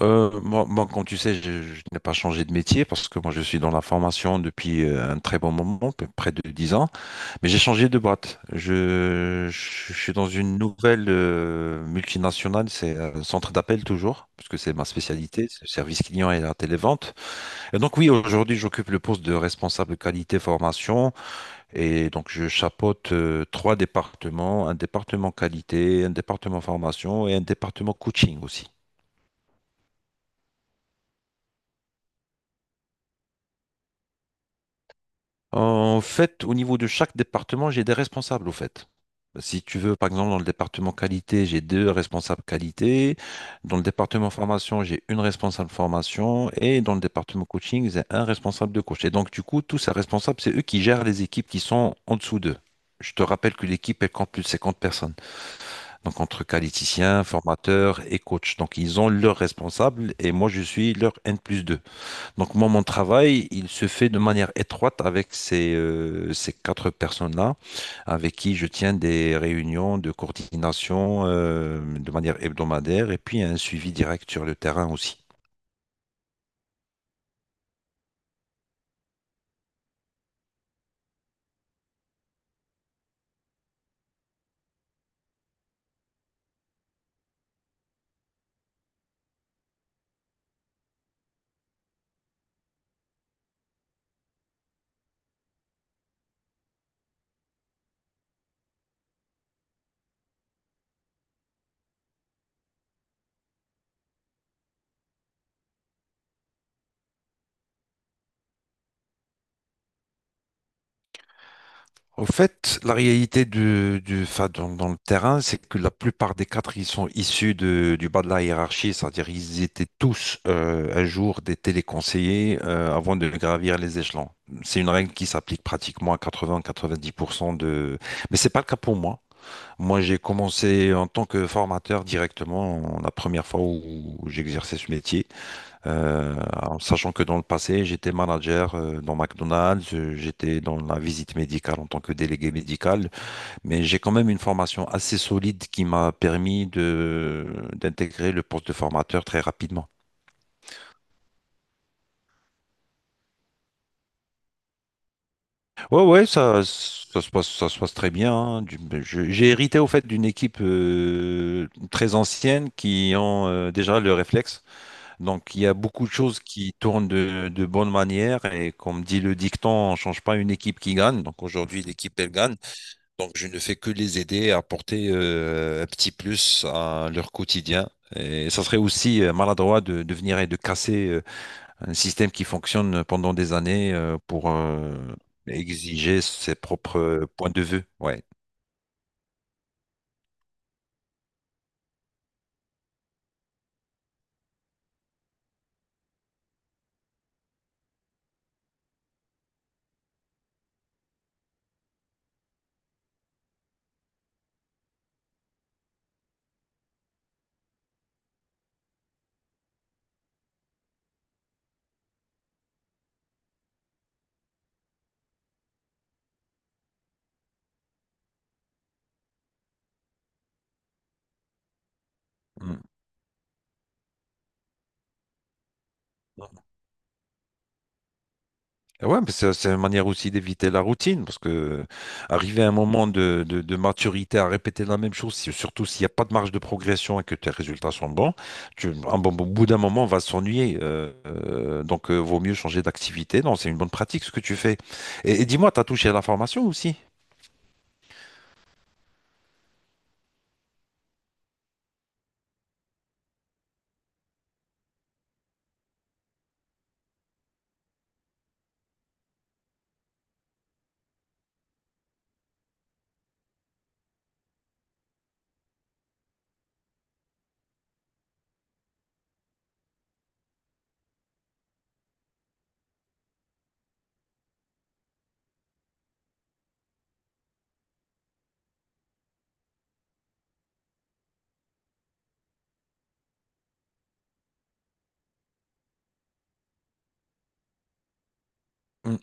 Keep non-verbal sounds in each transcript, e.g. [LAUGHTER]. Moi, comme tu sais, je n'ai pas changé de métier parce que moi, je suis dans la formation depuis un très bon moment, près de 10 ans, mais j'ai changé de boîte. Je suis dans une nouvelle multinationale, c'est un centre d'appel toujours, puisque c'est ma spécialité, c'est le service client et la télévente. Et donc oui, aujourd'hui, j'occupe le poste de responsable qualité formation et donc je chapeaute trois départements, un département qualité, un département formation et un département coaching aussi. En fait, au niveau de chaque département, j'ai des responsables, au fait. Si tu veux, par exemple, dans le département qualité, j'ai deux responsables qualité. Dans le département formation, j'ai une responsable formation. Et dans le département coaching, j'ai un responsable de coach. Et donc, du coup, tous ces responsables, c'est eux qui gèrent les équipes qui sont en dessous d'eux. Je te rappelle que l'équipe, elle compte plus de 50 personnes. Donc, entre qualiticiens, formateurs et coachs. Donc, ils ont leurs responsables et moi, je suis leur N plus deux. Donc moi, mon travail, il se fait de manière étroite avec ces quatre personnes-là, avec qui je tiens des réunions de coordination de manière hebdomadaire et puis un suivi direct sur le terrain aussi. Au fait, la réalité enfin, dans le terrain, c'est que la plupart des cadres, ils sont issus du bas de la hiérarchie, c'est-à-dire ils étaient tous un jour des téléconseillers avant de gravir les échelons. C'est une règle qui s'applique pratiquement à 80-90%. Mais c'est pas le cas pour moi. Moi, j'ai commencé en tant que formateur directement la première fois où j'exerçais ce métier. Euh, En sachant que dans le passé, j'étais manager dans McDonald's, j'étais dans la visite médicale en tant que délégué médical, mais j'ai quand même une formation assez solide qui m'a permis de d'intégrer le poste de formateur très rapidement. Ouais, ouais, ça se passe, ça se passe très bien, hein. J'ai hérité au fait d'une équipe très ancienne qui ont déjà le réflexe. Donc, il y a beaucoup de choses qui tournent de bonne manière. Et comme dit le dicton, on ne change pas une équipe qui gagne. Donc, aujourd'hui, l'équipe, elle gagne. Donc, je ne fais que les aider à apporter un petit plus à leur quotidien. Et ça serait aussi maladroit de venir et de casser un système qui fonctionne pendant des années pour exiger ses propres points de vue. Ouais. Mm. Eh ouais, mais ça, c'est une manière aussi d'éviter la routine, parce que arriver à un moment de maturité à répéter la même chose, surtout s'il n'y a pas de marge de progression et que tes résultats sont bons, au bout d'un moment, on va s'ennuyer. Donc, vaut mieux changer d'activité. Non, c'est une bonne pratique ce que tu fais. Et, dis-moi, tu as touché à la formation aussi? Mm.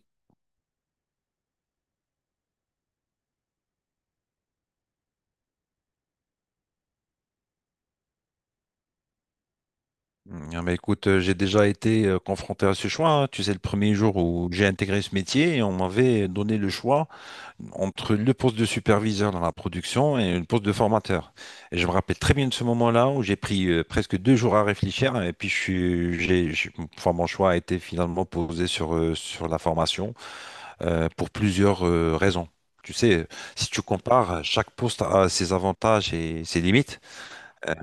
Ah, mais écoute, j'ai déjà été confronté à ce choix, hein. Tu sais, le premier jour où j'ai intégré ce métier, on m'avait donné le choix entre le poste de superviseur dans la production et le poste de formateur. Et je me rappelle très bien de ce moment-là où j'ai pris presque 2 jours à réfléchir et puis je suis, j'ai- enfin, mon choix a été finalement posé sur la formation pour plusieurs raisons. Tu sais, si tu compares, chaque poste a ses avantages et ses limites,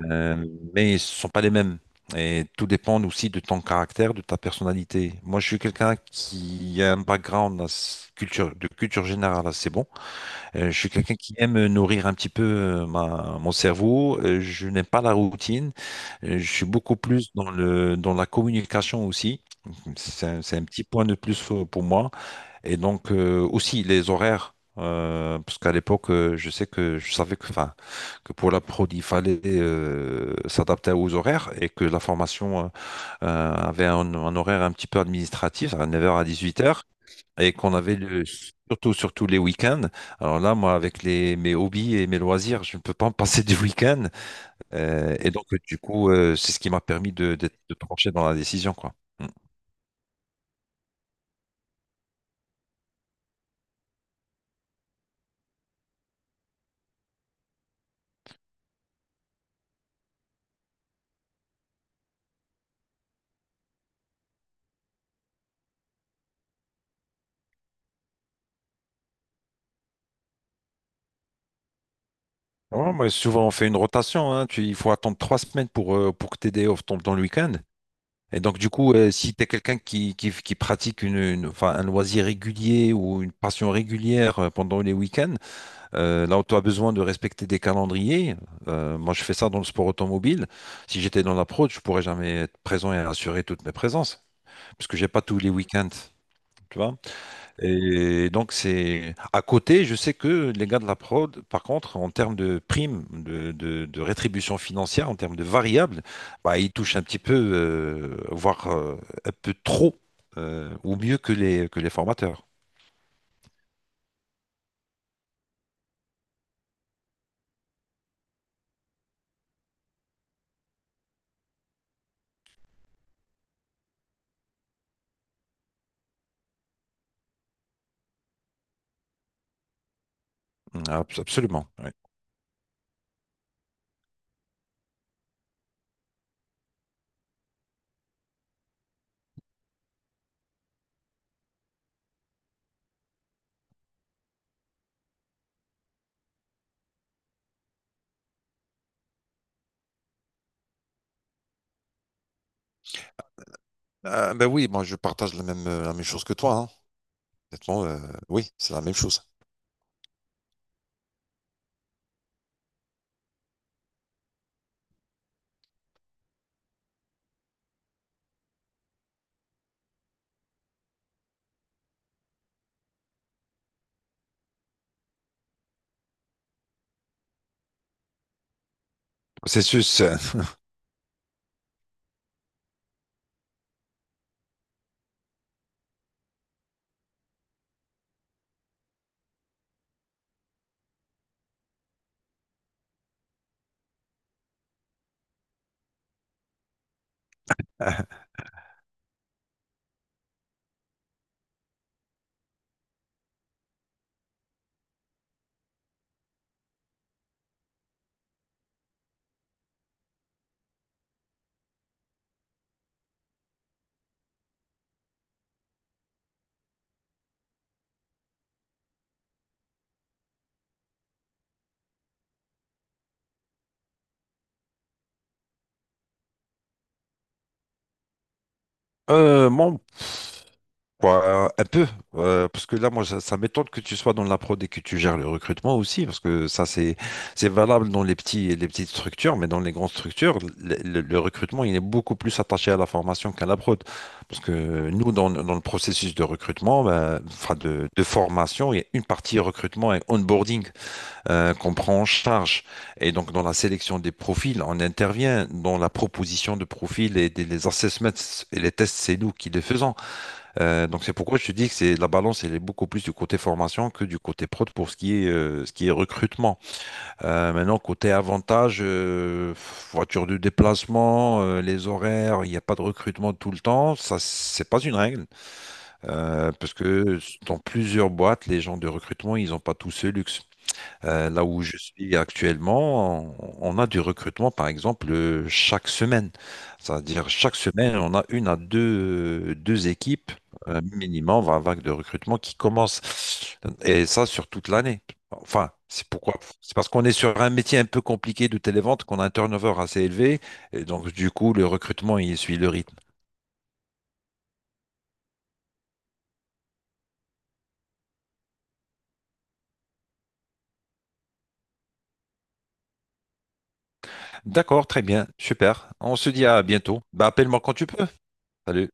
euh, mais ce ne sont pas les mêmes. Et tout dépend aussi de ton caractère, de ta personnalité. Moi, je suis quelqu'un qui a un background culture, de culture générale assez bon. Je suis quelqu'un qui aime nourrir un petit peu mon cerveau. Je n'aime pas la routine. Je suis beaucoup plus dans la communication aussi. C'est un petit point de plus pour moi. Et donc aussi les horaires, parce qu'à l'époque, je savais que, enfin, que pour la prod, il fallait s'adapter aux horaires et que la formation avait un horaire un petit peu administratif, à 9 heures à 18 heures et qu'on avait surtout, surtout les week-ends. Alors là, moi, avec mes hobbies et mes loisirs, je ne peux pas me passer du week-end. Et donc, du coup, c'est ce qui m'a permis de trancher dans la décision, quoi. Mm. Ouais, mais souvent, on fait une rotation, hein. Il faut attendre 3 semaines pour que tes day off tombent dans le week-end. Et donc, du coup, si tu es quelqu'un qui pratique enfin, un loisir régulier ou une passion régulière pendant les week-ends, là où tu as besoin de respecter des calendriers, moi je fais ça dans le sport automobile. Si j'étais dans la prod, je pourrais jamais être présent et assurer toutes mes présences, parce que j'ai pas tous les week-ends, tu vois. Et donc, c'est à côté, je sais que les gars de la prod, par contre, en termes de primes, de rétribution financière, en termes de variables, bah, ils touchent un petit peu, voire un peu trop, ou mieux que que les formateurs. Mmh, Absolument, ouais. Ben oui, moi je partage la même chose que toi. Honnêtement, oui, c'est la même chose. Processus. [LAUGHS] Mon Quoi, un peu, parce que là, moi, ça m'étonne que tu sois dans la prod et que tu gères le recrutement aussi, parce que ça, c'est valable dans les petites structures, mais dans les grandes structures, le recrutement, il est beaucoup plus attaché à la formation qu'à la prod. Parce que nous, dans le processus de recrutement, ben, enfin de formation, il y a une partie recrutement et onboarding qu'on prend en charge. Et donc, dans la sélection des profils, on intervient dans la proposition de profils et les assessments et les tests, c'est nous qui les faisons. Donc c'est pourquoi je te dis que c'est la balance, elle est beaucoup plus du côté formation que du côté prod pour ce qui est recrutement. Maintenant, côté avantage, voiture de déplacement, les horaires, il n'y a pas de recrutement tout le temps. Ça, c'est pas une règle. Parce que dans plusieurs boîtes, les gens de recrutement, ils n'ont pas tous ce luxe. Là où je suis actuellement, on a du recrutement, par exemple, chaque semaine. C'est-à-dire, chaque semaine, on a une à deux équipes minimum, 20 vagues de recrutement qui commencent. Et ça, sur toute l'année. Enfin, c'est pourquoi? C'est parce qu'on est sur un métier un peu compliqué de télévente, qu'on a un turnover assez élevé. Et donc, du coup, le recrutement, il suit le rythme. D'accord, très bien, super. On se dit à bientôt. Bah, appelle-moi quand tu peux. Salut.